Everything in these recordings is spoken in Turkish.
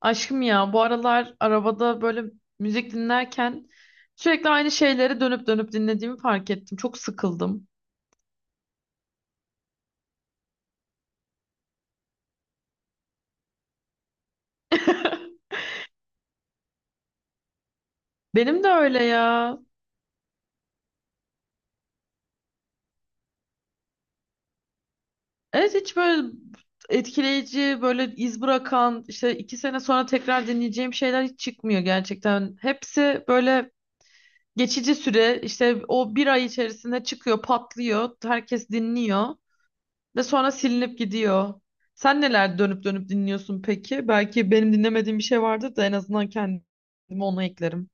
Aşkım ya bu aralar arabada böyle müzik dinlerken sürekli aynı şeyleri dönüp dönüp dinlediğimi fark ettim. Çok sıkıldım. Benim de öyle ya. Evet, hiç böyle etkileyici, böyle iz bırakan, işte iki sene sonra tekrar dinleyeceğim şeyler hiç çıkmıyor gerçekten. Hepsi böyle geçici süre, işte o bir ay içerisinde çıkıyor, patlıyor, herkes dinliyor. Ve sonra silinip gidiyor. Sen neler dönüp dönüp dinliyorsun peki? Belki benim dinlemediğim bir şey vardır da en azından kendimi ona eklerim.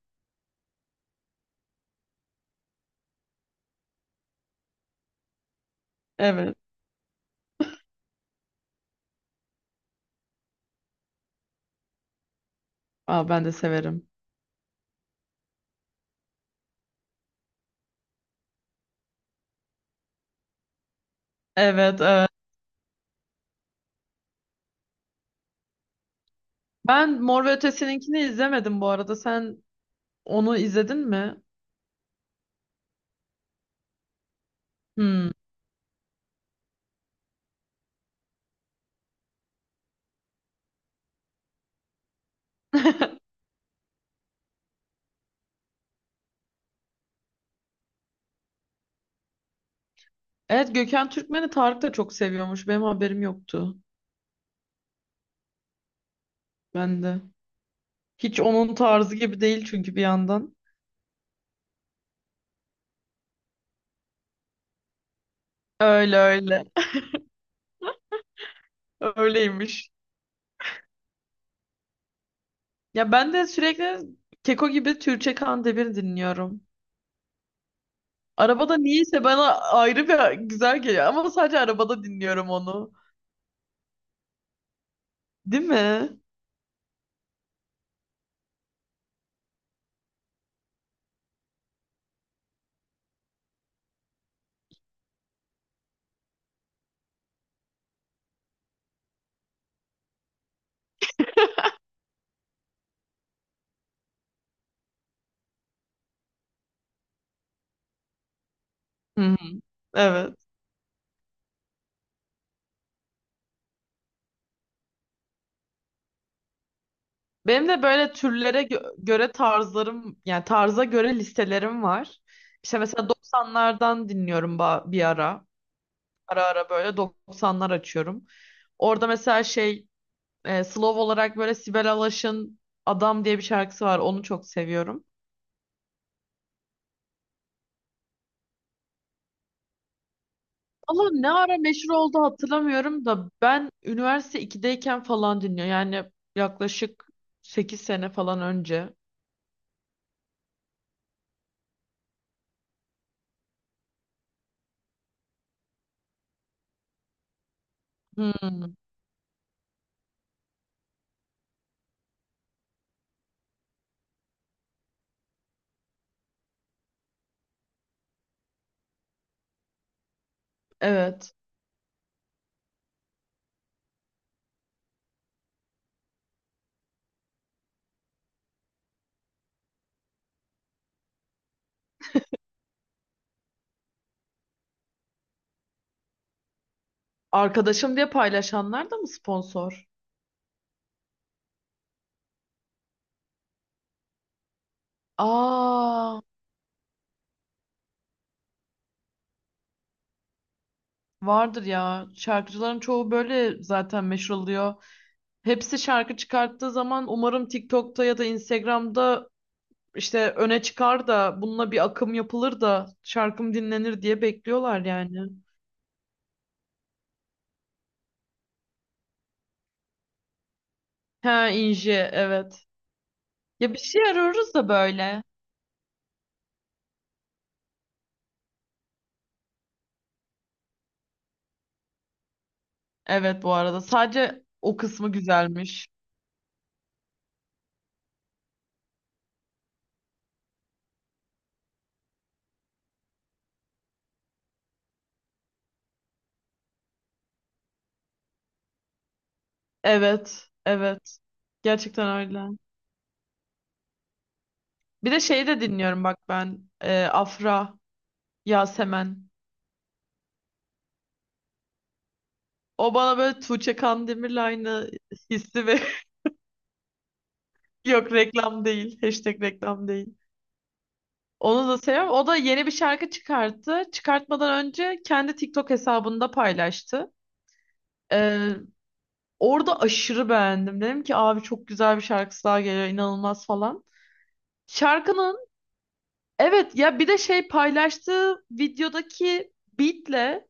Evet. Aa, ben de severim. Evet, evet. Ben Mor ve Ötesi'ninkini izlemedim bu arada. Sen onu izledin mi? Hmm. Evet, Gökhan Türkmen'i Tarık da çok seviyormuş. Benim haberim yoktu. Ben de. Hiç onun tarzı gibi değil çünkü bir yandan. Öyle öyle. Öyleymiş. Ya ben de sürekli Keko gibi Türkçe Kandemir dinliyorum. Arabada niyeyse bana ayrı bir güzel geliyor ama sadece arabada dinliyorum onu. Değil mi? Hı hı. Evet. Benim de böyle türlere göre tarzlarım, yani tarza göre listelerim var. İşte mesela 90'lardan dinliyorum bir ara. Ara ara böyle 90'lar açıyorum. Orada mesela slow olarak böyle Sibel Alaş'ın Adam diye bir şarkısı var. Onu çok seviyorum. Ama ne ara meşhur oldu hatırlamıyorum da ben üniversite 2'deyken falan dinliyorum. Yani yaklaşık 8 sene falan önce. Hmm, evet. Arkadaşım diye paylaşanlar da mı sponsor? Aa, vardır ya. Şarkıcıların çoğu böyle zaten meşhur oluyor. Hepsi şarkı çıkarttığı zaman umarım TikTok'ta ya da Instagram'da işte öne çıkar da bununla bir akım yapılır da şarkım dinlenir diye bekliyorlar yani. Ha Inje, evet. Ya bir şey arıyoruz da böyle. Evet, bu arada. Sadece o kısmı güzelmiş. Evet. Evet. Gerçekten öyle. Bir de şeyi de dinliyorum bak ben. Afra, Yasemen. O bana böyle Tuğçe Kandemir'le aynı hissi ve yok, reklam değil. Hashtag reklam değil. Onu da seviyorum. O da yeni bir şarkı çıkarttı. Çıkartmadan önce kendi TikTok hesabında paylaştı. Ee, orada aşırı beğendim. Dedim ki abi çok güzel bir şarkısı daha geliyor inanılmaz falan. Şarkının, evet ya, bir de şey, paylaştığı videodaki beatle,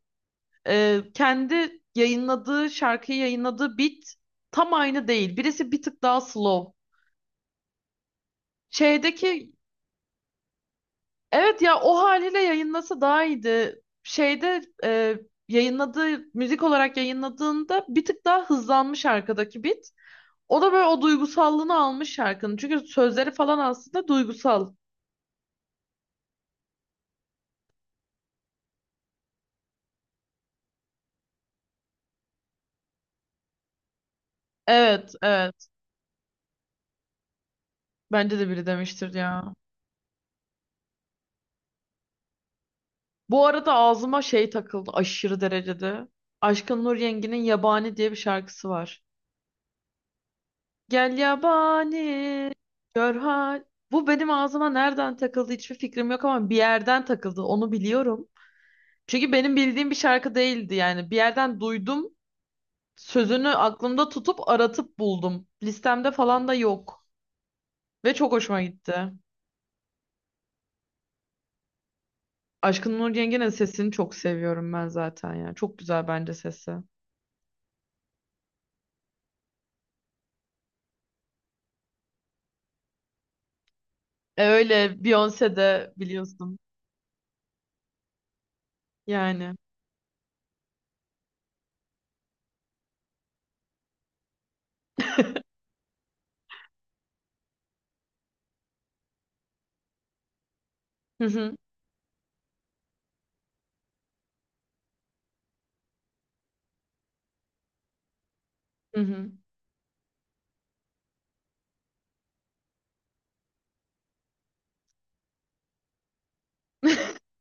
kendi yayınladığı şarkıyı yayınladığı beat tam aynı değil. Birisi bir tık daha slow. Şeydeki, evet ya, o haliyle yayınlasa daha iyiydi. Şeyde, yayınladığı müzik olarak yayınladığında bir tık daha hızlanmış arkadaki beat. O da böyle o duygusallığını almış şarkının. Çünkü sözleri falan aslında duygusal. Evet, evet. Bence de biri demiştir ya. Bu arada ağzıma şey takıldı aşırı derecede. Aşkın Nur Yengi'nin Yabani diye bir şarkısı var. Gel yabani gör hal. Bu benim ağzıma nereden takıldı hiçbir fikrim yok ama bir yerden takıldı onu biliyorum. Çünkü benim bildiğim bir şarkı değildi yani. Bir yerden duydum, sözünü aklımda tutup aratıp buldum. Listemde falan da yok. Ve çok hoşuma gitti. Aşkın Nur Yengi'nin sesini çok seviyorum ben zaten ya. Çok güzel bence sesi. E öyle Beyoncé de biliyorsun. Yani. Hı hı. Hı hı.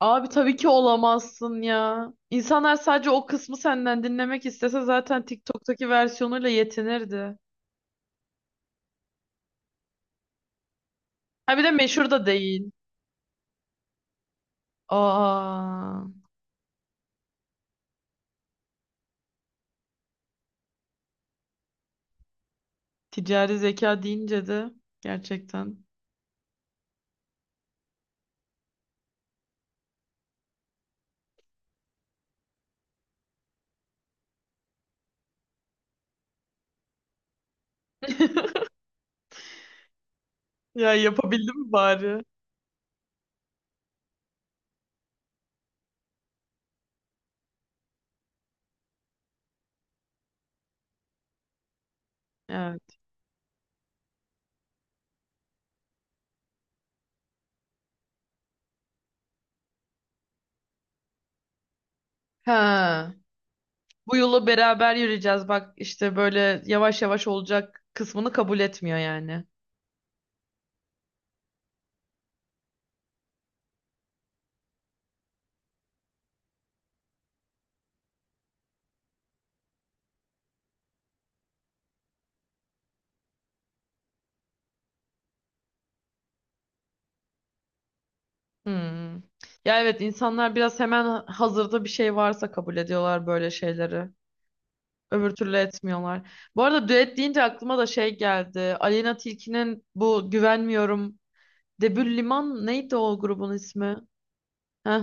Abi tabii ki olamazsın ya. İnsanlar sadece o kısmı senden dinlemek istese zaten TikTok'taki versiyonuyla yetinirdi. Ha bir de meşhur da değil. Aa, ticari zeka deyince de gerçekten. Ya yapabildim mi bari? Evet. Ha. Bu yolu beraber yürüyeceğiz. Bak işte böyle yavaş yavaş olacak kısmını kabul etmiyor yani. Hmm. Ya evet, insanlar biraz hemen hazırda bir şey varsa kabul ediyorlar böyle şeyleri. Öbür türlü etmiyorlar. Bu arada düet deyince aklıma da şey geldi. Aleyna Tilki'nin bu Güvenmiyorum. Debül Liman, neydi o grubun ismi? Heh.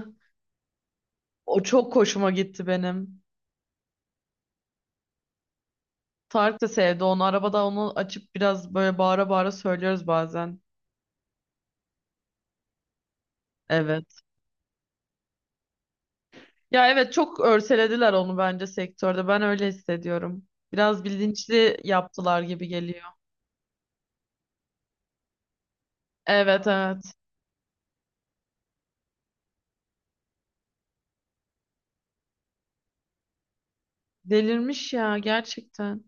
O çok hoşuma gitti benim. Tarık da sevdi onu. Arabada onu açıp biraz böyle bağıra bağıra söylüyoruz bazen. Evet. Ya evet, çok örselediler onu bence sektörde. Ben öyle hissediyorum. Biraz bilinçli yaptılar gibi geliyor. Evet, evet. Delirmiş ya gerçekten.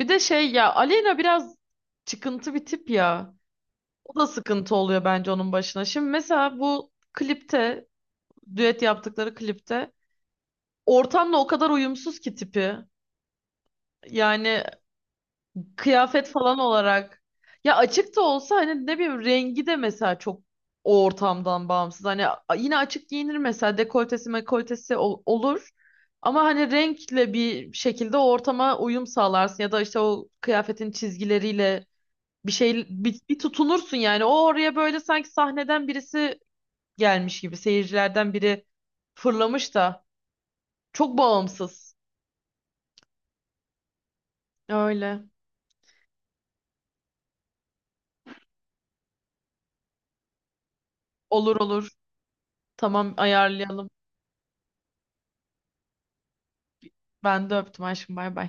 Bir de şey ya, Aleyna biraz çıkıntı bir tip ya. O da sıkıntı oluyor bence onun başına. Şimdi mesela bu klipte, düet yaptıkları klipte, ortamla o kadar uyumsuz ki tipi. Yani kıyafet falan olarak. Ya açık da olsa hani ne bileyim rengi de mesela çok o ortamdan bağımsız. Hani yine açık giyinir mesela, dekoltesi mekoltesi olur. Ama hani renkle bir şekilde o ortama uyum sağlarsın ya da işte o kıyafetin çizgileriyle bir şey bir tutunursun yani. O oraya böyle sanki sahneden birisi gelmiş gibi, seyircilerden biri fırlamış da, çok bağımsız. Öyle. Olur olur. Tamam, ayarlayalım. Ben de öptüm aşkım, bay bay.